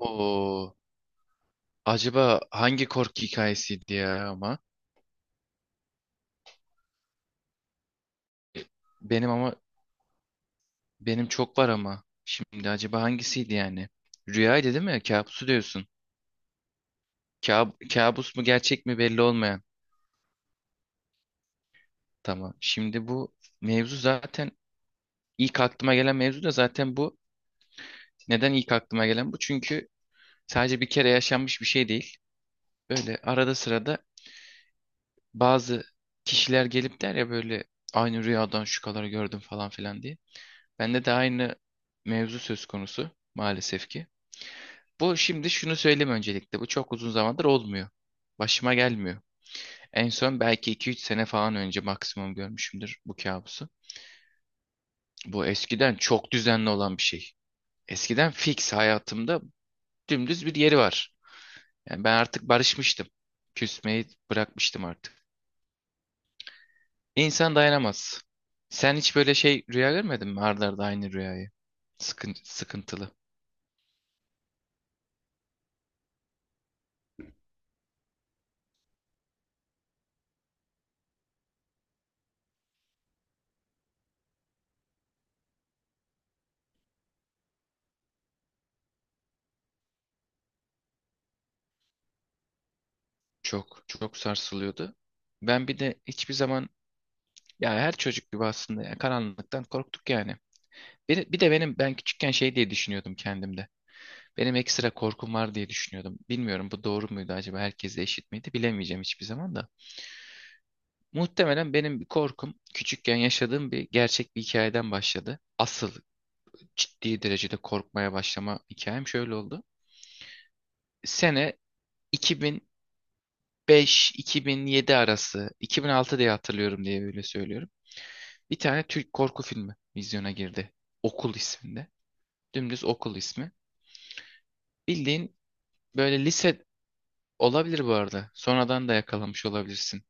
O acaba hangi korku hikayesiydi ya ama? Benim ama benim çok var ama. Şimdi acaba hangisiydi yani? Rüyaydı değil mi? Kabusu diyorsun. Kabus mu gerçek mi belli olmayan. Tamam. Şimdi bu mevzu zaten ilk aklıma gelen mevzu da zaten bu. Neden ilk aklıma gelen bu? Çünkü sadece bir kere yaşanmış bir şey değil. Böyle arada sırada bazı kişiler gelip der ya böyle aynı rüyadan şu kadar gördüm falan filan diye. Bende de aynı mevzu söz konusu maalesef ki. Bu şimdi şunu söyleyeyim öncelikle. Bu çok uzun zamandır olmuyor. Başıma gelmiyor. En son belki 2-3 sene falan önce maksimum görmüşümdür bu kabusu. Bu eskiden çok düzenli olan bir şey. Eskiden fix hayatımda dümdüz bir yeri var. Yani ben artık barışmıştım. Küsmeyi bırakmıştım artık. İnsan dayanamaz. Sen hiç böyle şey rüya görmedin mi? Arda arda aynı rüyayı. Sıkıntılı. Çok çok sarsılıyordu. Ben bir de hiçbir zaman ya her çocuk gibi aslında ya, karanlıktan korktuk yani. Bir de ben küçükken şey diye düşünüyordum kendimde. Benim ekstra korkum var diye düşünüyordum. Bilmiyorum bu doğru muydu acaba herkesle eşit miydi bilemeyeceğim hiçbir zaman da. Muhtemelen benim bir korkum küçükken yaşadığım bir gerçek bir hikayeden başladı. Asıl ciddi derecede korkmaya başlama hikayem şöyle oldu. Sene 2005-2007 arası 2006 diye hatırlıyorum diye böyle söylüyorum. Bir tane Türk korku filmi vizyona girdi. Okul isminde. Dümdüz Okul ismi. Bildiğin böyle lise olabilir bu arada. Sonradan da yakalamış olabilirsin.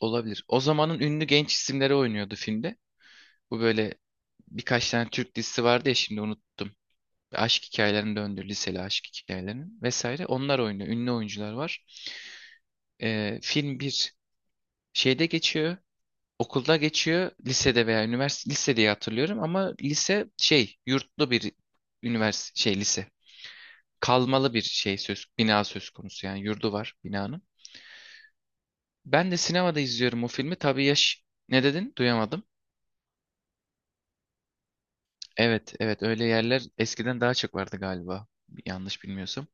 Olabilir. O zamanın ünlü genç isimleri oynuyordu filmde. Bu böyle birkaç tane Türk dizisi vardı ya şimdi unuttum. Aşk hikayelerinin döndü. Liseli aşk hikayelerinin vesaire. Onlar oynuyor. Ünlü oyuncular var. Film bir şeyde geçiyor. Okulda geçiyor lisede veya üniversite lise diye hatırlıyorum ama lise şey yurtlu bir üniversite şey lise kalmalı bir şey söz bina söz konusu yani yurdu var binanın. Ben de sinemada izliyorum o filmi tabii yaş ne dedin duyamadım. Evet evet öyle yerler eskiden daha çok vardı galiba yanlış bilmiyorsam.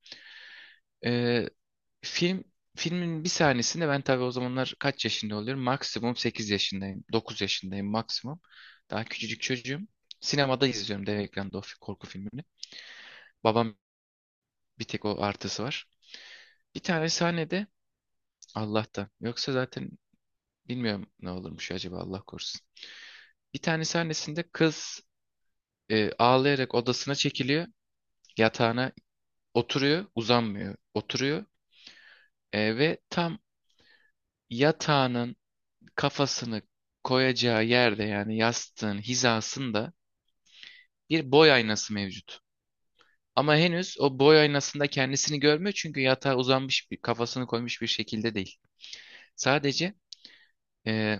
Ee, film filmin bir sahnesinde ben tabii o zamanlar kaç yaşında oluyorum maksimum 8 yaşındayım 9 yaşındayım maksimum daha küçücük çocuğum. Sinemada izliyorum dev ekranda o korku filmini. Babam bir tek o artısı var. Bir tane sahnede Allah'tan. Yoksa zaten bilmiyorum ne olurmuş acaba Allah korusun. Bir tane sahnesinde kız ağlayarak odasına çekiliyor. Yatağına oturuyor, uzanmıyor. Oturuyor. Ve tam yatağının kafasını koyacağı yerde yani yastığın hizasında bir boy aynası mevcut. Ama henüz o boy aynasında kendisini görmüyor çünkü yatağa uzanmış bir kafasını koymuş bir şekilde değil. Sadece e,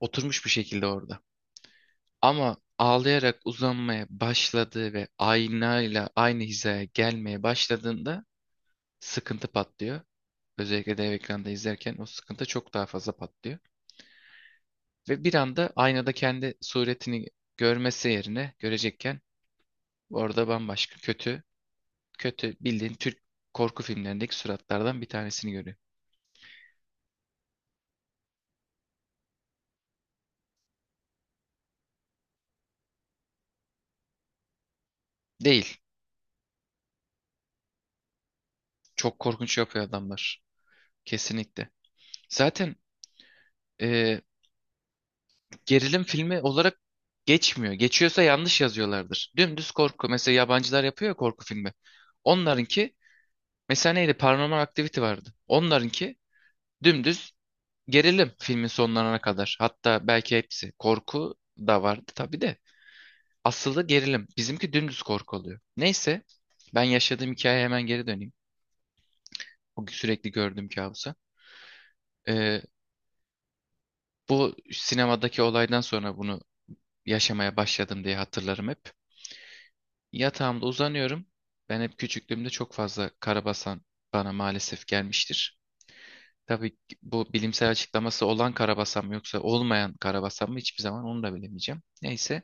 oturmuş bir şekilde orada. Ama ağlayarak uzanmaya başladığı ve aynayla aynı hizaya gelmeye başladığında sıkıntı patlıyor. Özellikle dev ekranda izlerken o sıkıntı çok daha fazla patlıyor. Ve bir anda aynada kendi suretini görmesi yerine görecekken orada bambaşka kötü, kötü bildiğin Türk korku filmlerindeki suratlardan bir tanesini görüyor. Değil. Çok korkunç yapıyor adamlar. Kesinlikle. Zaten e, gerilim filmi olarak geçmiyor. Geçiyorsa yanlış yazıyorlardır. Dümdüz korku. Mesela yabancılar yapıyor ya korku filmi. Onlarınki mesela neydi? Paranormal Activity vardı. Onlarınki dümdüz gerilim filmin sonlarına kadar. Hatta belki hepsi. Korku da vardı tabii de. Asılı gerilim. Bizimki dümdüz korku oluyor. Neyse ben yaşadığım hikayeye hemen geri döneyim. O sürekli gördüğüm kabusa. Ee, Bu sinemadaki olaydan sonra bunu yaşamaya başladım diye hatırlarım hep. Yatağımda uzanıyorum. Ben hep küçüklüğümde çok fazla karabasan bana maalesef gelmiştir. Tabii ki bu bilimsel açıklaması olan karabasan mı yoksa olmayan karabasan mı hiçbir zaman onu da bilemeyeceğim. Neyse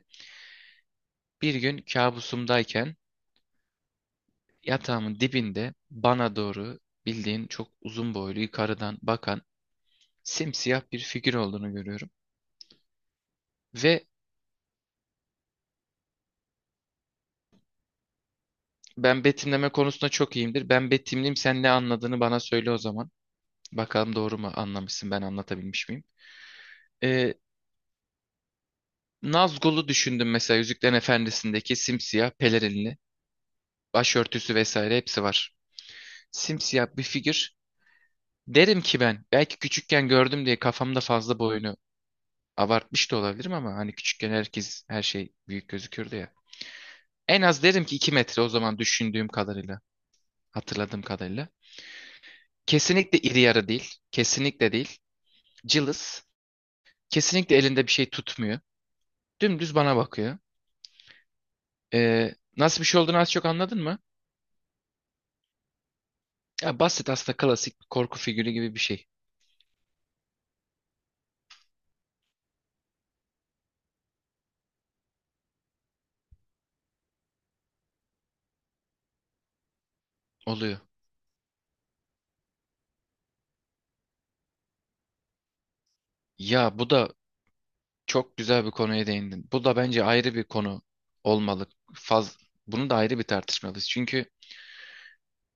bir gün kabusumdayken yatağımın dibinde bana doğru bildiğin çok uzun boylu yukarıdan bakan simsiyah bir figür olduğunu görüyorum. Ve ben betimleme konusunda çok iyiyimdir. Ben betimleyeyim sen ne anladığını bana söyle o zaman. Bakalım doğru mu anlamışsın ben anlatabilmiş miyim? Ee, Nazgul'u düşündüm mesela Yüzüklerin Efendisi'ndeki simsiyah pelerinli başörtüsü vesaire hepsi var. Simsiyah bir figür. Derim ki ben belki küçükken gördüm diye kafamda fazla boyunu abartmış da olabilirim ama hani küçükken herkes her şey büyük gözükürdü ya. En az derim ki 2 metre o zaman düşündüğüm kadarıyla, hatırladığım kadarıyla. Kesinlikle iri yarı değil, kesinlikle değil. Cılız, kesinlikle elinde bir şey tutmuyor. Dümdüz bana bakıyor. Nasıl bir şey olduğunu az çok anladın mı? Ya basit aslında klasik bir korku figürü gibi bir şey oluyor. Ya bu da çok güzel bir konuya değindin. Bu da bence ayrı bir konu olmalı. Faz, Bunu da ayrı bir tartışmalıyız. Çünkü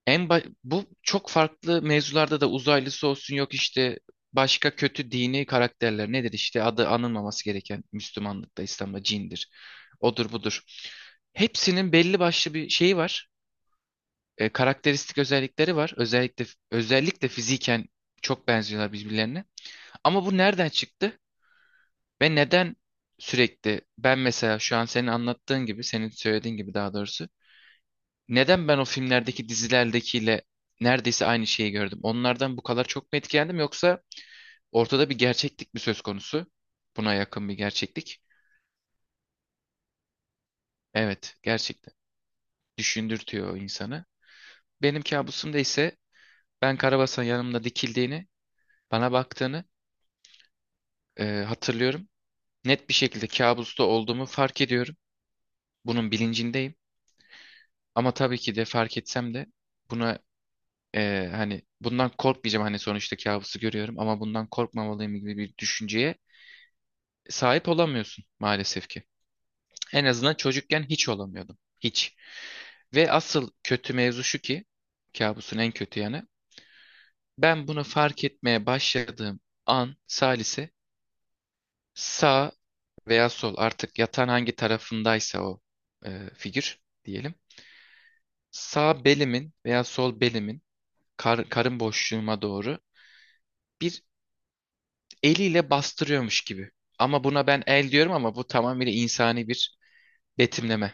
bu çok farklı mevzularda da uzaylısı olsun yok işte başka kötü dini karakterler nedir işte adı anılmaması gereken Müslümanlıkta İslam'da cindir. Odur budur. Hepsinin belli başlı bir şeyi var. Karakteristik özellikleri var. Özellikle fiziken çok benziyorlar birbirlerine. Ama bu nereden çıktı ve neden sürekli ben mesela şu an senin anlattığın gibi, senin söylediğin gibi daha doğrusu neden ben o filmlerdeki dizilerdekiyle neredeyse aynı şeyi gördüm? Onlardan bu kadar çok mu etkilendim yoksa ortada bir gerçeklik mi söz konusu? Buna yakın bir gerçeklik. Evet, gerçekten düşündürtüyor o insanı. Benim kabusumda ise ben Karabasan yanımda dikildiğini, bana baktığını hatırlıyorum. Net bir şekilde kabusta olduğumu fark ediyorum. Bunun bilincindeyim. Ama tabii ki de fark etsem de buna hani bundan korkmayacağım. Hani sonuçta kabusu görüyorum ama bundan korkmamalıyım gibi bir düşünceye sahip olamıyorsun maalesef ki. En azından çocukken hiç olamıyordum. Hiç. Ve asıl kötü mevzu şu ki kabusun en kötü yanı. Ben bunu fark etmeye başladığım an Salise sağ veya sol artık yatan hangi tarafındaysa o figür diyelim sağ belimin veya sol belimin karın boşluğuma doğru bir eliyle bastırıyormuş gibi. Ama buna ben el diyorum ama bu tamamıyla insani bir betimleme.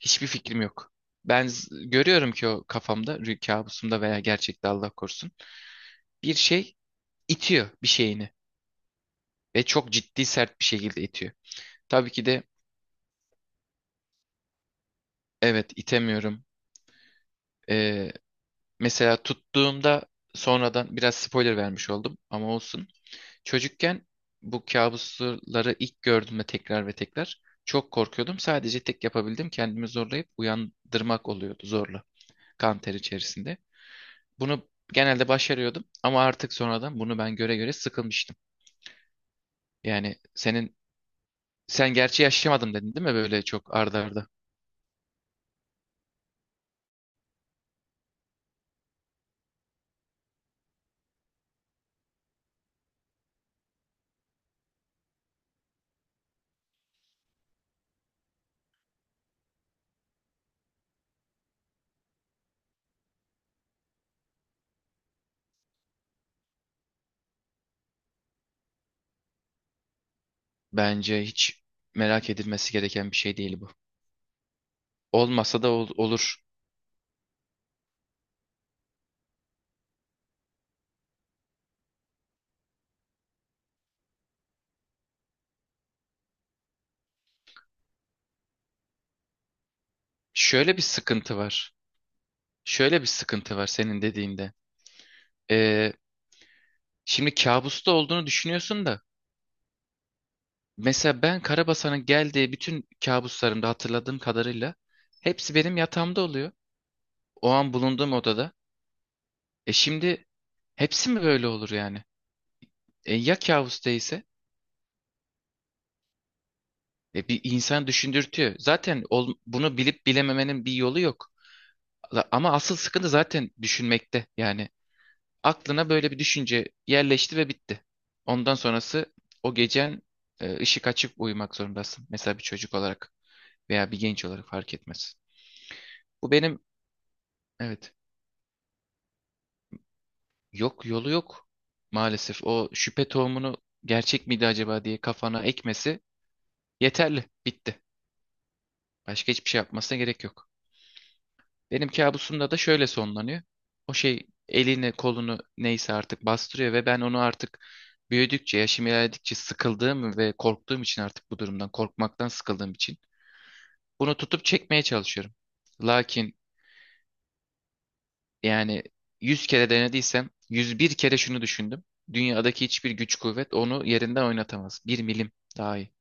Hiçbir fikrim yok. Ben görüyorum ki o kafamda, rüya kabusumda veya gerçekte Allah korusun bir şey itiyor bir şeyini ve çok ciddi sert bir şekilde itiyor. Tabii ki de evet itemiyorum. Ee, Mesela tuttuğumda sonradan biraz spoiler vermiş oldum ama olsun. Çocukken bu kabusları ilk gördüğümde tekrar ve tekrar çok korkuyordum. Sadece tek yapabildim kendimi zorlayıp uyandırmak oluyordu zorla kan ter içerisinde. Bunu genelde başarıyordum ama artık sonradan bunu ben göre göre sıkılmıştım. Yani sen gerçi yaşamadım dedin değil mi böyle çok arda arda? Bence hiç merak edilmesi gereken bir şey değil bu. Olmasa da olur. Şöyle bir sıkıntı var. Şöyle bir sıkıntı var senin dediğinde. Ee, Şimdi kabusta olduğunu düşünüyorsun da mesela ben Karabasan'ın geldiği bütün kabuslarımda hatırladığım kadarıyla hepsi benim yatağımda oluyor. O an bulunduğum odada. Şimdi hepsi mi böyle olur yani? Ya kabus değilse? Bir insan düşündürtüyor. Zaten bunu bilip bilememenin bir yolu yok. Ama asıl sıkıntı zaten düşünmekte. Yani aklına böyle bir düşünce yerleşti ve bitti. Ondan sonrası o gecen ışık açıp uyumak zorundasın. Mesela bir çocuk olarak veya bir genç olarak fark etmez. Bu benim evet. Yok yolu yok maalesef. O şüphe tohumunu gerçek miydi acaba diye kafana ekmesi yeterli. Bitti. Başka hiçbir şey yapmasına gerek yok. Benim kabusumda da şöyle sonlanıyor. O şey elini kolunu neyse artık bastırıyor ve ben onu artık büyüdükçe, yaşım ilerledikçe sıkıldığım ve korktuğum için artık bu durumdan, korkmaktan sıkıldığım için bunu tutup çekmeye çalışıyorum. Lakin. Yani 100 kere denediysem 101 kere şunu düşündüm. Dünyadaki hiçbir güç kuvvet onu yerinden oynatamaz. Bir milim dahi.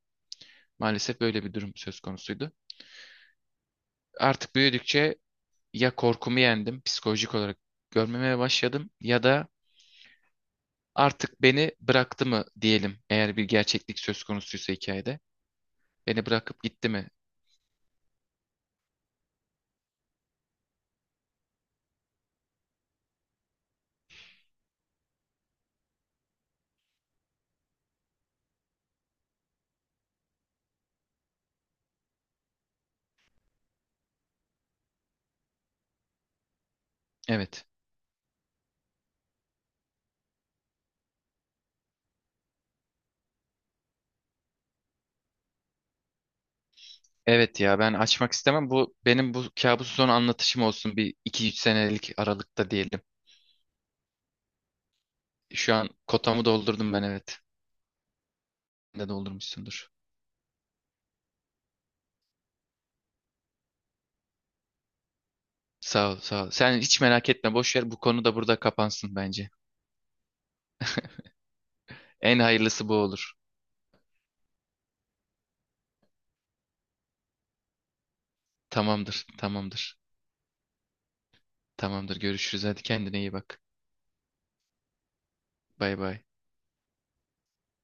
Maalesef böyle bir durum söz konusuydu. Artık büyüdükçe ya korkumu yendim, psikolojik olarak görmemeye başladım ya da artık beni bıraktı mı diyelim eğer bir gerçeklik söz konusuysa hikayede. Beni bırakıp gitti mi? Evet. Evet ya ben açmak istemem. Bu benim bu kabus son anlatışım olsun bir iki üç senelik aralıkta diyelim. Şu an kotamı doldurdum ben evet. De doldurmuşsundur. Sağ ol, sağ ol. Sen hiç merak etme, boş ver. Bu konu da burada kapansın bence. En hayırlısı bu olur. Tamamdır, tamamdır. Tamamdır. Görüşürüz. Hadi kendine iyi bak. Bay bay.